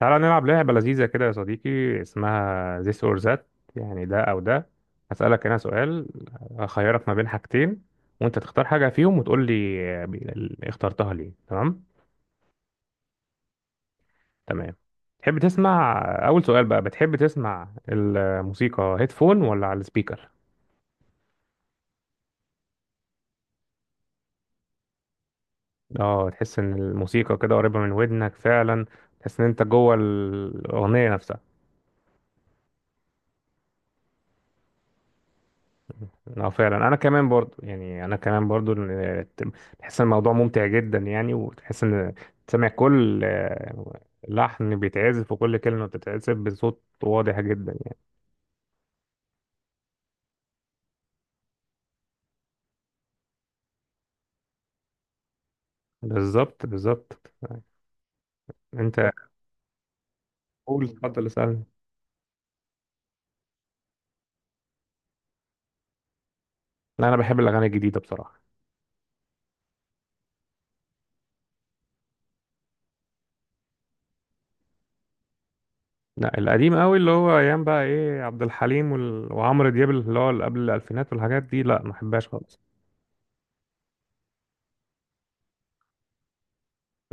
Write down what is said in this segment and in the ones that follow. تعالى نلعب لعبة لذيذة كده يا صديقي، اسمها this or that. يعني ده أو ده. هسألك أنا سؤال، أخيرك ما بين حاجتين، وأنت تختار حاجة فيهم وتقول لي اخترتها ليه. تمام تمام. تحب تسمع أول سؤال بقى، بتحب تسمع الموسيقى هيدفون ولا على السبيكر؟ اه، تحس إن الموسيقى كده قريبة من ودنك فعلا. تحس إن أنت جوه الأغنية نفسها. اه فعلا، انا كمان برضو، تحس ان الموضوع ممتع جدا يعني، وتحس ان تسمع كل لحن بيتعزف وكل كلمة بتتعزف بصوت واضح جدا يعني. بالظبط بالظبط. انت قول اتفضل اسألني. لا انا بحب الاغاني الجديدة بصراحة. لا، القديم قوي اللي هو ايام بقى ايه عبد الحليم وعمرو دياب، اللي هو اللي قبل الالفينات والحاجات دي، لا ما بحبهاش خالص.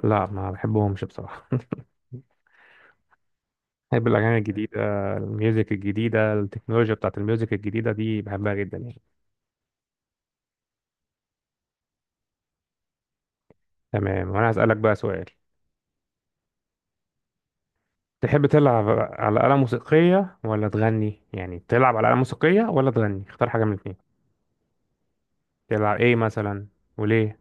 لا ما بحبهمش بصراحة بحب الأغاني الجديدة. الميوزك الجديدة، التكنولوجيا بتاعت الميوزك الجديدة دي بحبها جدا يعني. تمام، وأنا هسألك بقى سؤال. تحب تلعب على آلة موسيقية ولا تغني؟ يعني تلعب على آلة موسيقية ولا تغني، اختار حاجة من الاتنين. تلعب إيه مثلا؟ وليه؟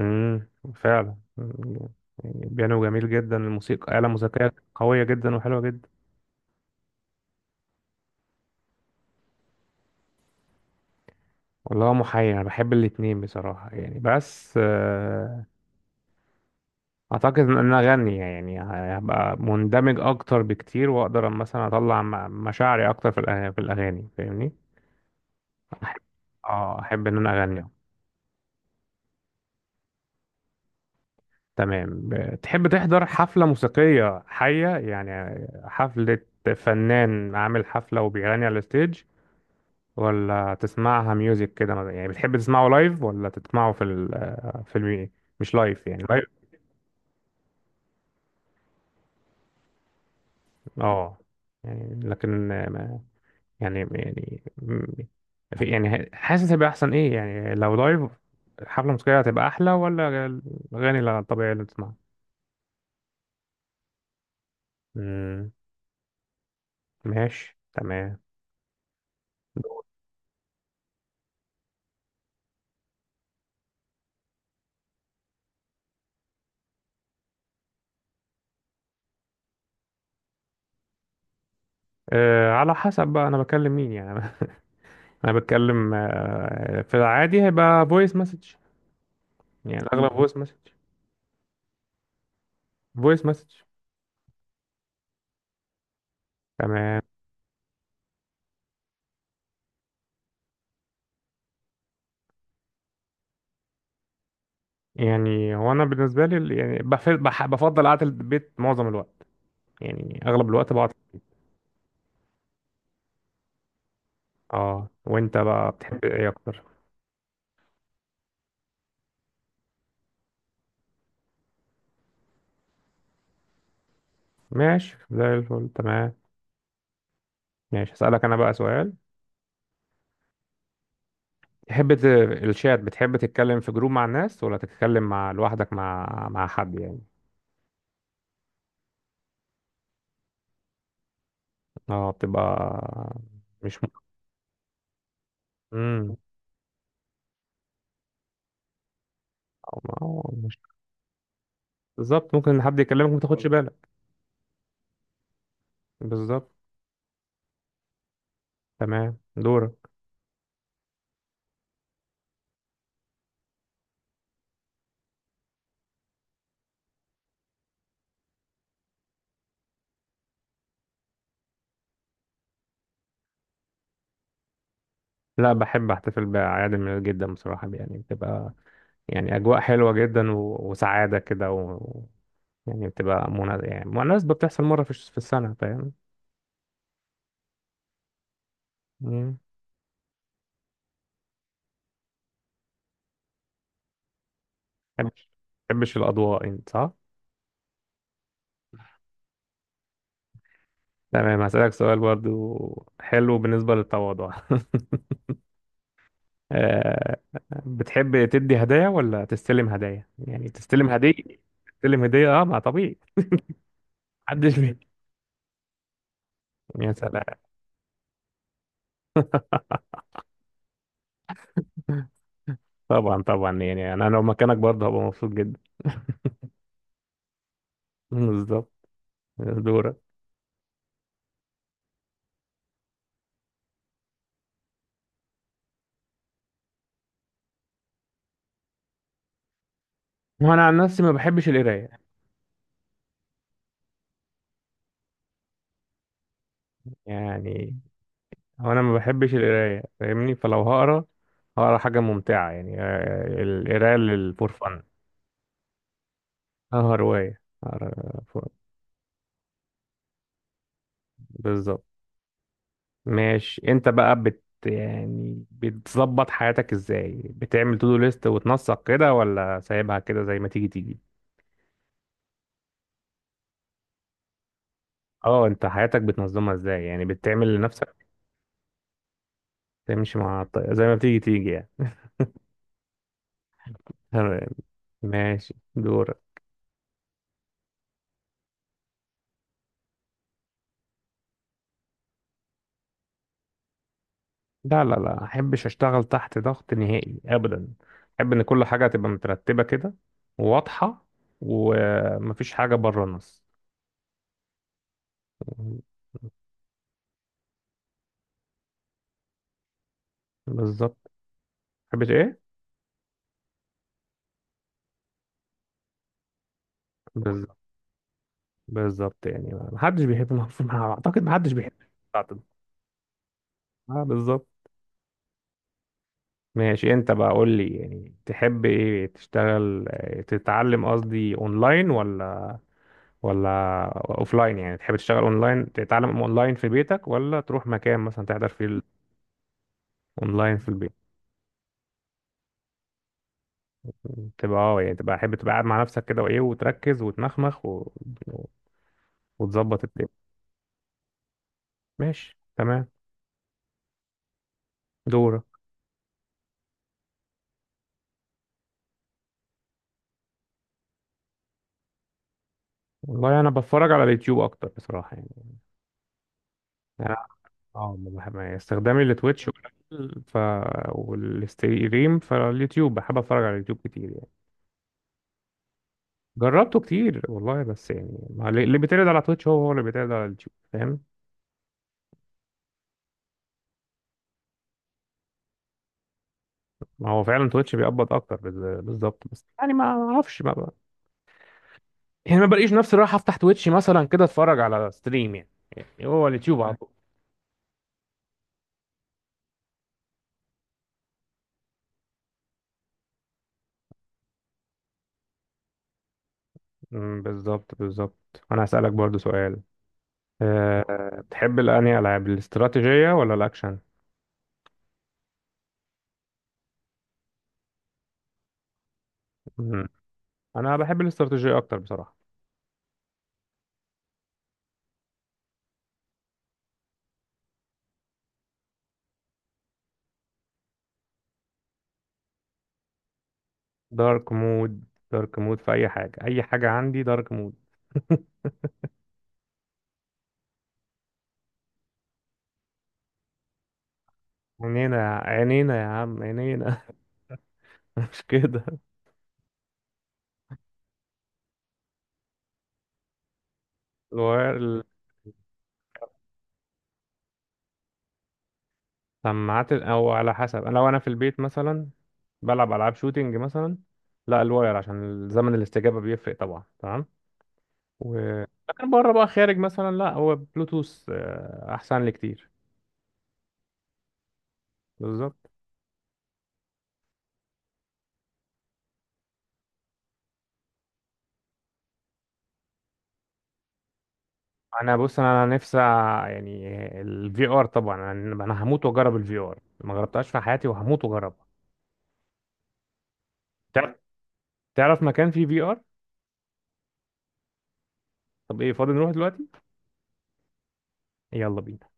امم فعلا مم. يعني بيانو جميل جدا، الموسيقى آلة موسيقية قوية جدا وحلوة جدا. والله محير، أنا بحب الاتنين بصراحة يعني، بس اعتقد ان انا اغني، يعني هبقى مندمج اكتر بكتير، واقدر مثلا اطلع مشاعري اكتر في في الاغاني، فاهمني؟ أحب- اه احب ان انا اغني. تمام، تحب تحضر حفلة موسيقية حية يعني؟ حفلة فنان عامل حفلة وبيغني على الستيج، ولا تسمعها ميوزك كده مثلاً؟ يعني بتحب تسمعه لايف ولا تسمعه في المي... مش لايف، يعني لايف. اه، يعني لكن، يعني يعني م- يعني حاسس هيبقى احسن ايه يعني، لو لايف حفلة موسيقية هتبقى احلى ولا الاغاني الطبيعية اللي بتسمعها؟ امم ماشي تمام. أه، على حسب بقى انا بكلم مين يعني انا بتكلم في العادي هيبقى فويس مسج، يعني الاغلب فويس مسج. فويس مسج. تمام. يعني هو انا بالنسبه لي بفضل قعده البيت معظم الوقت، يعني اغلب الوقت بقعد. اه، وانت بقى بتحب ايه اكتر؟ ماشي زي الفل تمام. ماشي، هسألك أنا بقى سؤال. تحب ت- الشات، بتحب تتكلم في جروب مع الناس ولا تتكلم مع لوحدك مع حد يعني؟ اه، بتبقى مش م... مم. أو ما هو مش بالظبط، ممكن حد يكلمك ما تاخدش بالك. بالظبط. تمام، دورك. لا، بحب احتفل بأعياد الميلاد جدا بصراحة، يعني بتبقى يعني أجواء حلوة جدا وسعادة كده يعني بتبقى يعني مناسبة بتحصل مرة في السنة، فاهم؟ مم. مبحبش- مبحبش الأضواء، أنت صح؟ تمام، هسألك سؤال برضو حلو بالنسبة للتواضع آه، بتحب تدي هدايا ولا تستلم هدايا؟ يعني تستلم هدية. تستلم هدية، اه ما طبيعي. محدش بي يا سلام طبعا طبعا، يعني أنا لو مكانك برضه هبقى مبسوط جدا. بالظبط. دورك. وأنا عن نفسي ما بحبش القراية. يعني هو أنا ما بحبش القراية فاهمني، فلو هقرا هقرا حاجة ممتعة يعني، القراية للفور فن. اه رواية، بالظبط. ماشي، انت بقى بت يعني بتظبط حياتك ازاي، بتعمل تو دو ليست وتنسق كده ولا سايبها كده زي ما تيجي تيجي؟ اه، انت حياتك بتنظمها ازاي، يعني بتعمل لنفسك؟ تمشي مع زي ما بتيجي تيجي يعني. تمام، ماشي دورك. لا لا لا، احبش اشتغل تحت ضغط نهائي ابدا. احب ان كل حاجة تبقى مترتبة كده، وواضحة، ومفيش حاجة بره النص. بالظبط. تحبش ايه؟ بالظبط بالظبط، يعني ما حدش بيحب ما ما- اعتقد ما حدش بيحب التعطيل. اه بالظبط. ماشي، انت بقى قول لي يعني، تحب ايه تشتغل، تتعلم قصدي اونلاين ولا اوفلاين؟ يعني تحب تشتغل اونلاين، تتعلم اونلاين في بيتك، ولا تروح مكان مثلا تحضر فيه؟ اونلاين في البيت. تبقى اه، يعني تبقى حابب تبقى قاعد مع نفسك كده وايه، وتركز وتنخمخ وتظبط الدنيا. ماشي تمام، دورك. والله انا بتفرج على اليوتيوب اكتر بصراحة، يعني اه ما بحب، يعني استخدامي لتويتش قليل. ف والستريم، فاليوتيوب بحب اتفرج على اليوتيوب كتير يعني. جربته كتير والله، بس يعني ما ل- اللي بيتعرض على تويتش هو هو اللي بيتعرض على اليوتيوب، فاهم؟ ما هو فعلا تويتش بيقبض اكتر بالظبط، بس يعني ما اعرفش يعني ما بلاقيش نفسي رايح افتح تويتش مثلا كده اتفرج على ستريم يعني. يعني هو اليوتيوب على طول. بالظبط بالظبط، انا هسألك برضو سؤال أه بتحب الأنهي، ألعاب الاستراتيجية ولا الأكشن؟ أمم، أنا بحب الاستراتيجية أكتر بصراحة. دارك مود. دارك مود في اي حاجه، اي حاجه عندي دارك مود عينينا عينينا يا عم، عينينا مش كده. الواير. السماعات او على حسب، انا لو في البيت مثلا بلعب العاب شوتينج مثلا، لا الواير عشان زمن الاستجابه بيفرق طبعا، تمام. و... لكن بره بقى، خارج مثلا، لا هو بلوتوث، احسن لي كتير. بالظبط. انا بص، انا نفسي يعني الفي ار طبعا، انا هموت واجرب الفي ار، ما جربتهاش في حياتي وهموت واجربها. تعرف مكان فيه في ار؟ طب ايه، فاضي نروح دلوقتي؟ يلا بينا.